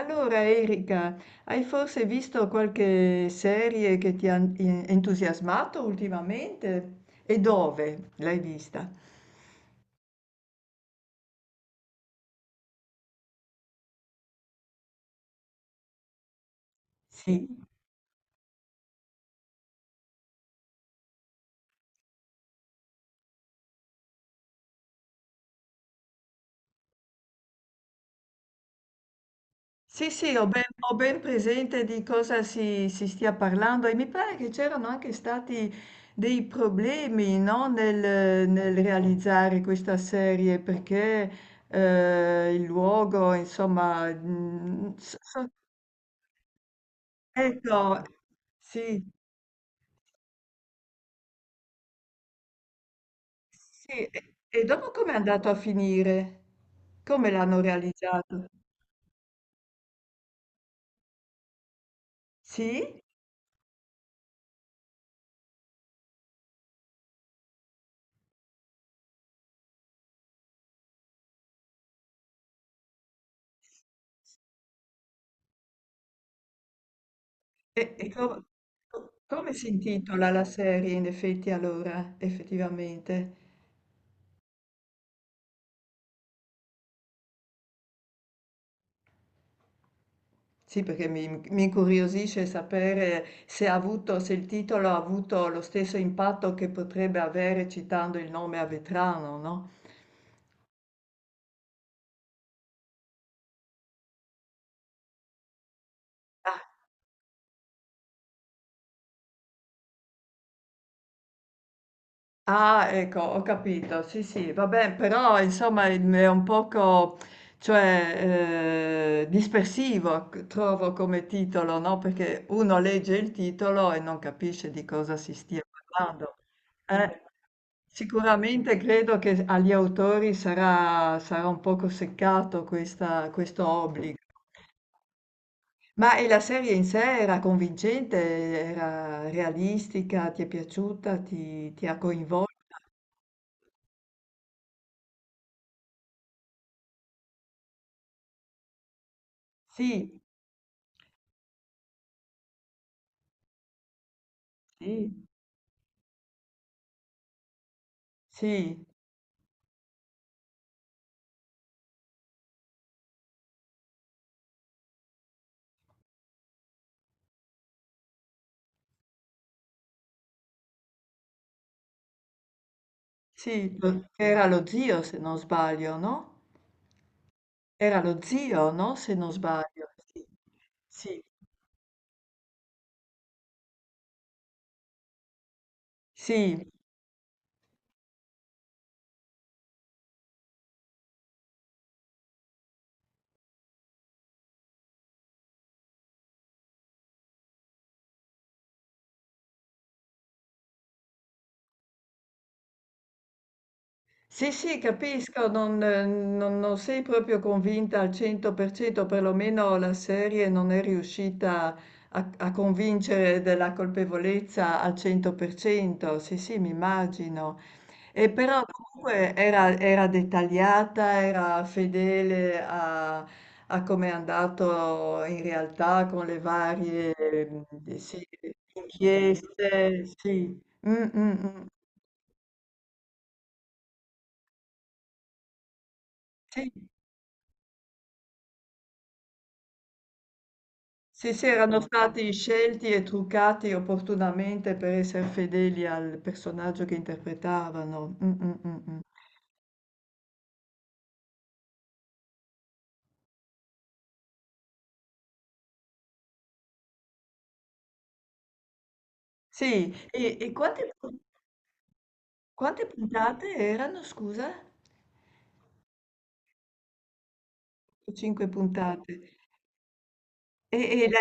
Allora Erika, hai forse visto qualche serie che ti ha entusiasmato ultimamente? E dove l'hai vista? Sì, sì, sì, ho ben presente di cosa si stia parlando, e mi pare che c'erano anche stati dei problemi, no, nel realizzare questa serie perché il luogo, insomma, ecco, sì. Sì, e dopo com'è andato a finire? Come l'hanno realizzato? Sì? E come si intitola la serie in effetti allora, effettivamente? Sì, perché mi incuriosisce sapere se ha avuto, se il titolo ha avuto lo stesso impatto che potrebbe avere citando il nome a Vetrano, no? Ah, ecco, ho capito. Sì, sì, vabbè, però insomma è un poco, cioè, dispersivo, trovo come titolo, no? Perché uno legge il titolo e non capisce di cosa si stia parlando. Eh, Sicuramente credo che agli autori sarà un poco seccato questo obbligo. Ma e la serie in sé era convincente, era realistica, ti è piaciuta, ti ha coinvolto? Sì. Sì, sì, sì, era lo zio se non sbaglio, no? Era lo zio, no? Se non sbaglio. Sì, sì, sì, sì, sì, capisco, non sei proprio convinta al 100%, perlomeno la serie non è riuscita a convincere della colpevolezza al 100%, sì, sì, mi immagino. E però comunque era dettagliata, era fedele a come è andato in realtà con le varie sì, inchieste. Sì. Mm, mm, mm. Sì, sì, sì, erano stati scelti e truccati opportunamente per essere fedeli al personaggio che interpretavano. Mm, mm, mm, mm. Sì, e quante puntate erano, scusa? Cinque puntate. E le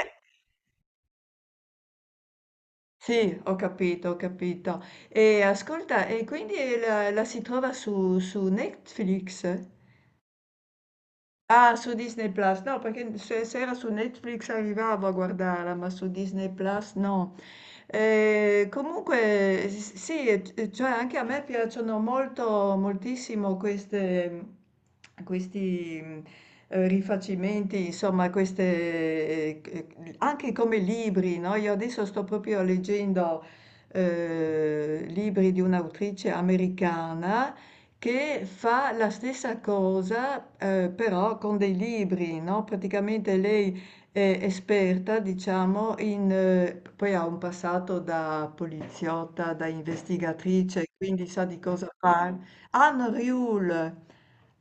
Sì, ho capito, ho capito. E ascolta, e quindi la si trova su Netflix? Ah, su Disney Plus, no, perché se era su Netflix arrivavo a guardarla, ma su Disney Plus no. Comunque, sì, cioè anche a me piacciono molto, moltissimo queste, questi mm, rifacimenti, insomma, queste, anche come libri, no? Io adesso sto proprio leggendo libri di un'autrice americana che fa la stessa cosa, però con dei libri, no, praticamente lei è esperta, diciamo, in p poi ha un passato da poliziotta, da investigatrice, quindi sa di cosa par Anne Riul,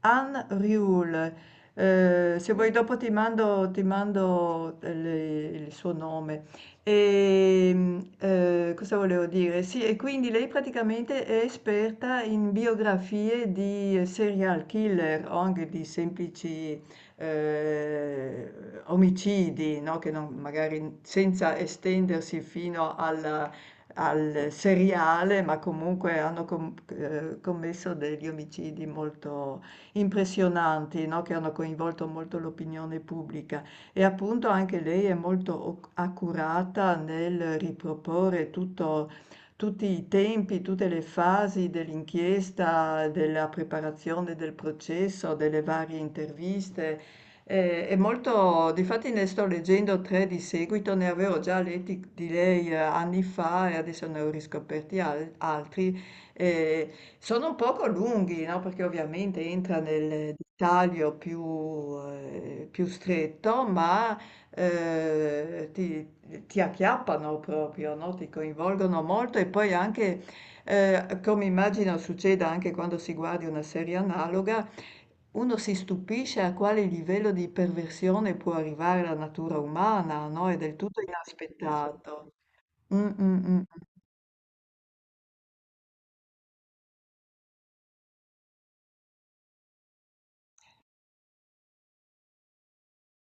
Anne Riul. Se vuoi dopo ti mando, le il suo nome. Cosa volevo dire? Sì, e quindi lei praticamente è esperta in biografie di serial killer o anche di semplici, omicidi, no, che non magari senza estendersi fino alla al seriale, ma comunque hanno commesso degli omicidi molto impressionanti, no, che hanno coinvolto molto l'opinione pubblica. E appunto anche lei è molto oc accurata nel riproporre tutto tutti i tempi, tutte le fasi dell'inchiesta, della preparazione del processo, delle varie interviste. È molto Difatti ne sto leggendo tre di seguito, ne avevo già letti di lei anni fa e adesso ne ho riscoperti al altri, ehm, sono un poco lunghi, no, perché ovviamente entra nel dettaglio più, più stretto, ma, ehm, ti ti acchiappano proprio, no, ti coinvolgono molto e poi anche, come immagino succeda anche quando si guardi una serie analoga, uno si stupisce a quale livello di perversione può arrivare la natura umana, no, è del tutto inaspettato. Mh, mh, mh.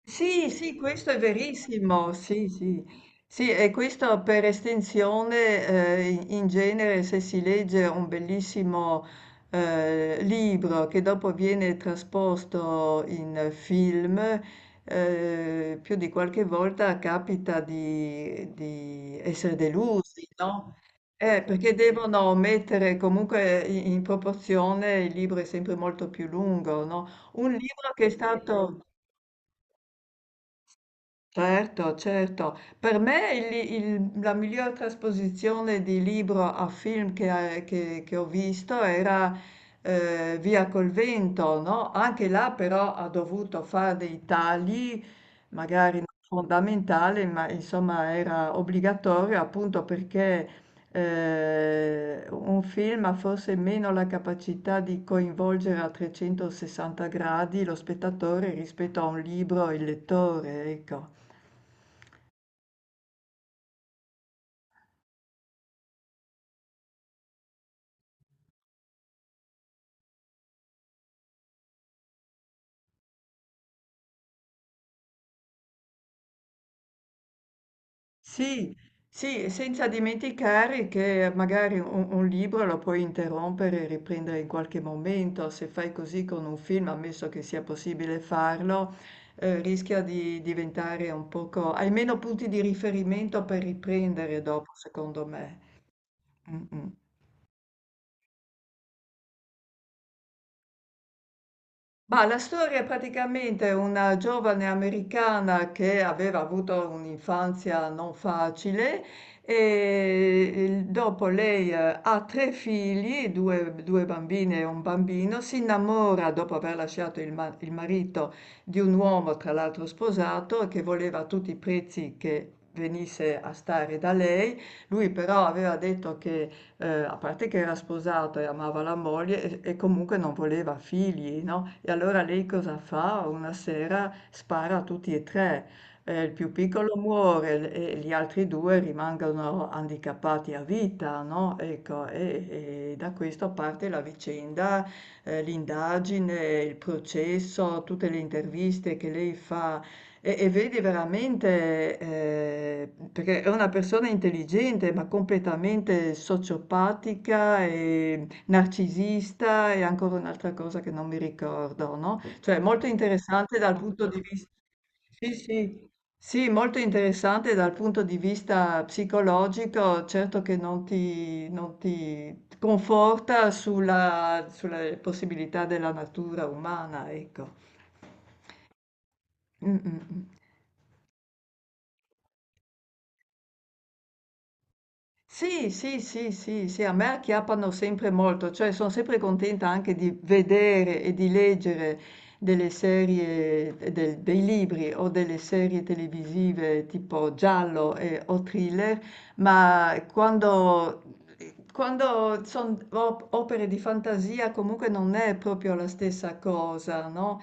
Sì, sì, questo è verissimo, sì, sì, sì, e questo per estensione, in genere se si legge un bellissimo libro che dopo viene trasposto in film, più di qualche volta capita di essere delusi, no? Perché devono mettere comunque in proporzione, il libro è sempre molto più lungo, no? Un libro che è stato... Certo, certo. Per me la miglior trasposizione di libro a film che ho visto era Via col vento, no? Anche là però ha dovuto fare dei tagli, magari non fondamentali, ma insomma era obbligatorio appunto perché un film ha forse meno la capacità di coinvolgere a 360 gradi lo spettatore rispetto a un libro e il lettore, ecco. Sì, sì, senza dimenticare che magari un libro lo puoi interrompere e riprendere in qualche momento, se fai così con un film, ammesso che sia possibile farlo, rischia di diventare un poco... hai meno punti di riferimento per riprendere dopo, secondo me. Mm, mm. Ma la storia è praticamente una giovane americana che aveva avuto un'infanzia non facile e dopo lei ha tre figli, due bambine e un bambino, si innamora dopo aver lasciato il marito di un uomo, tra l'altro sposato, che voleva a tutti i prezzi che venisse a stare da lei. Lui però aveva detto che... A parte che era sposato e amava la moglie e comunque non voleva figli, no, e allora lei cosa fa? Una sera spara a tutti e tre. Il più piccolo muore, l e gli altri due rimangono handicappati a vita, no, ecco, e da questo parte la vicenda, l'indagine, il processo, tutte le interviste che lei fa e vedi veramente, perché è una persona intelligente, ma completamente sociopatica e narcisista e ancora un'altra cosa che non mi ricordo, no? Cioè, molto interessante dal punto di vista... Sì, sì. Sì, molto interessante dal punto di vista psicologico, certo che non ti conforta sulle possibilità della natura umana, ecco. Mm, mm, mm. Sì, sì, sì, sì, sì, a me acchiappano sempre molto, cioè sono sempre contenta anche di vedere e di leggere delle serie, dei libri o delle serie televisive tipo giallo o thriller, ma quando sono opere di fantasia comunque non è proprio la stessa cosa, no?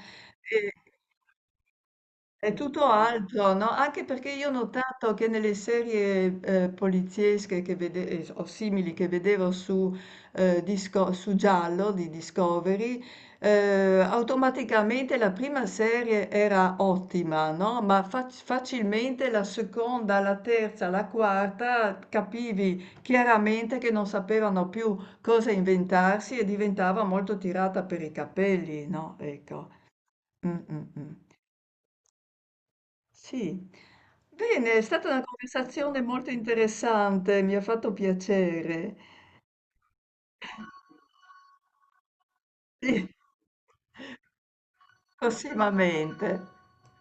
È tutto altro, no? Anche perché io ho notato che nelle serie poliziesche che o simili che vedevo su Giallo di Discovery, automaticamente la prima serie era ottima, no? Ma facilmente la seconda, la terza, la quarta capivi chiaramente che non sapevano più cosa inventarsi e diventava molto tirata per i capelli, no? Ecco. Mm, mm, mm. Sì, bene, è stata una conversazione molto interessante, mi ha fatto piacere. Sì, prossimamente.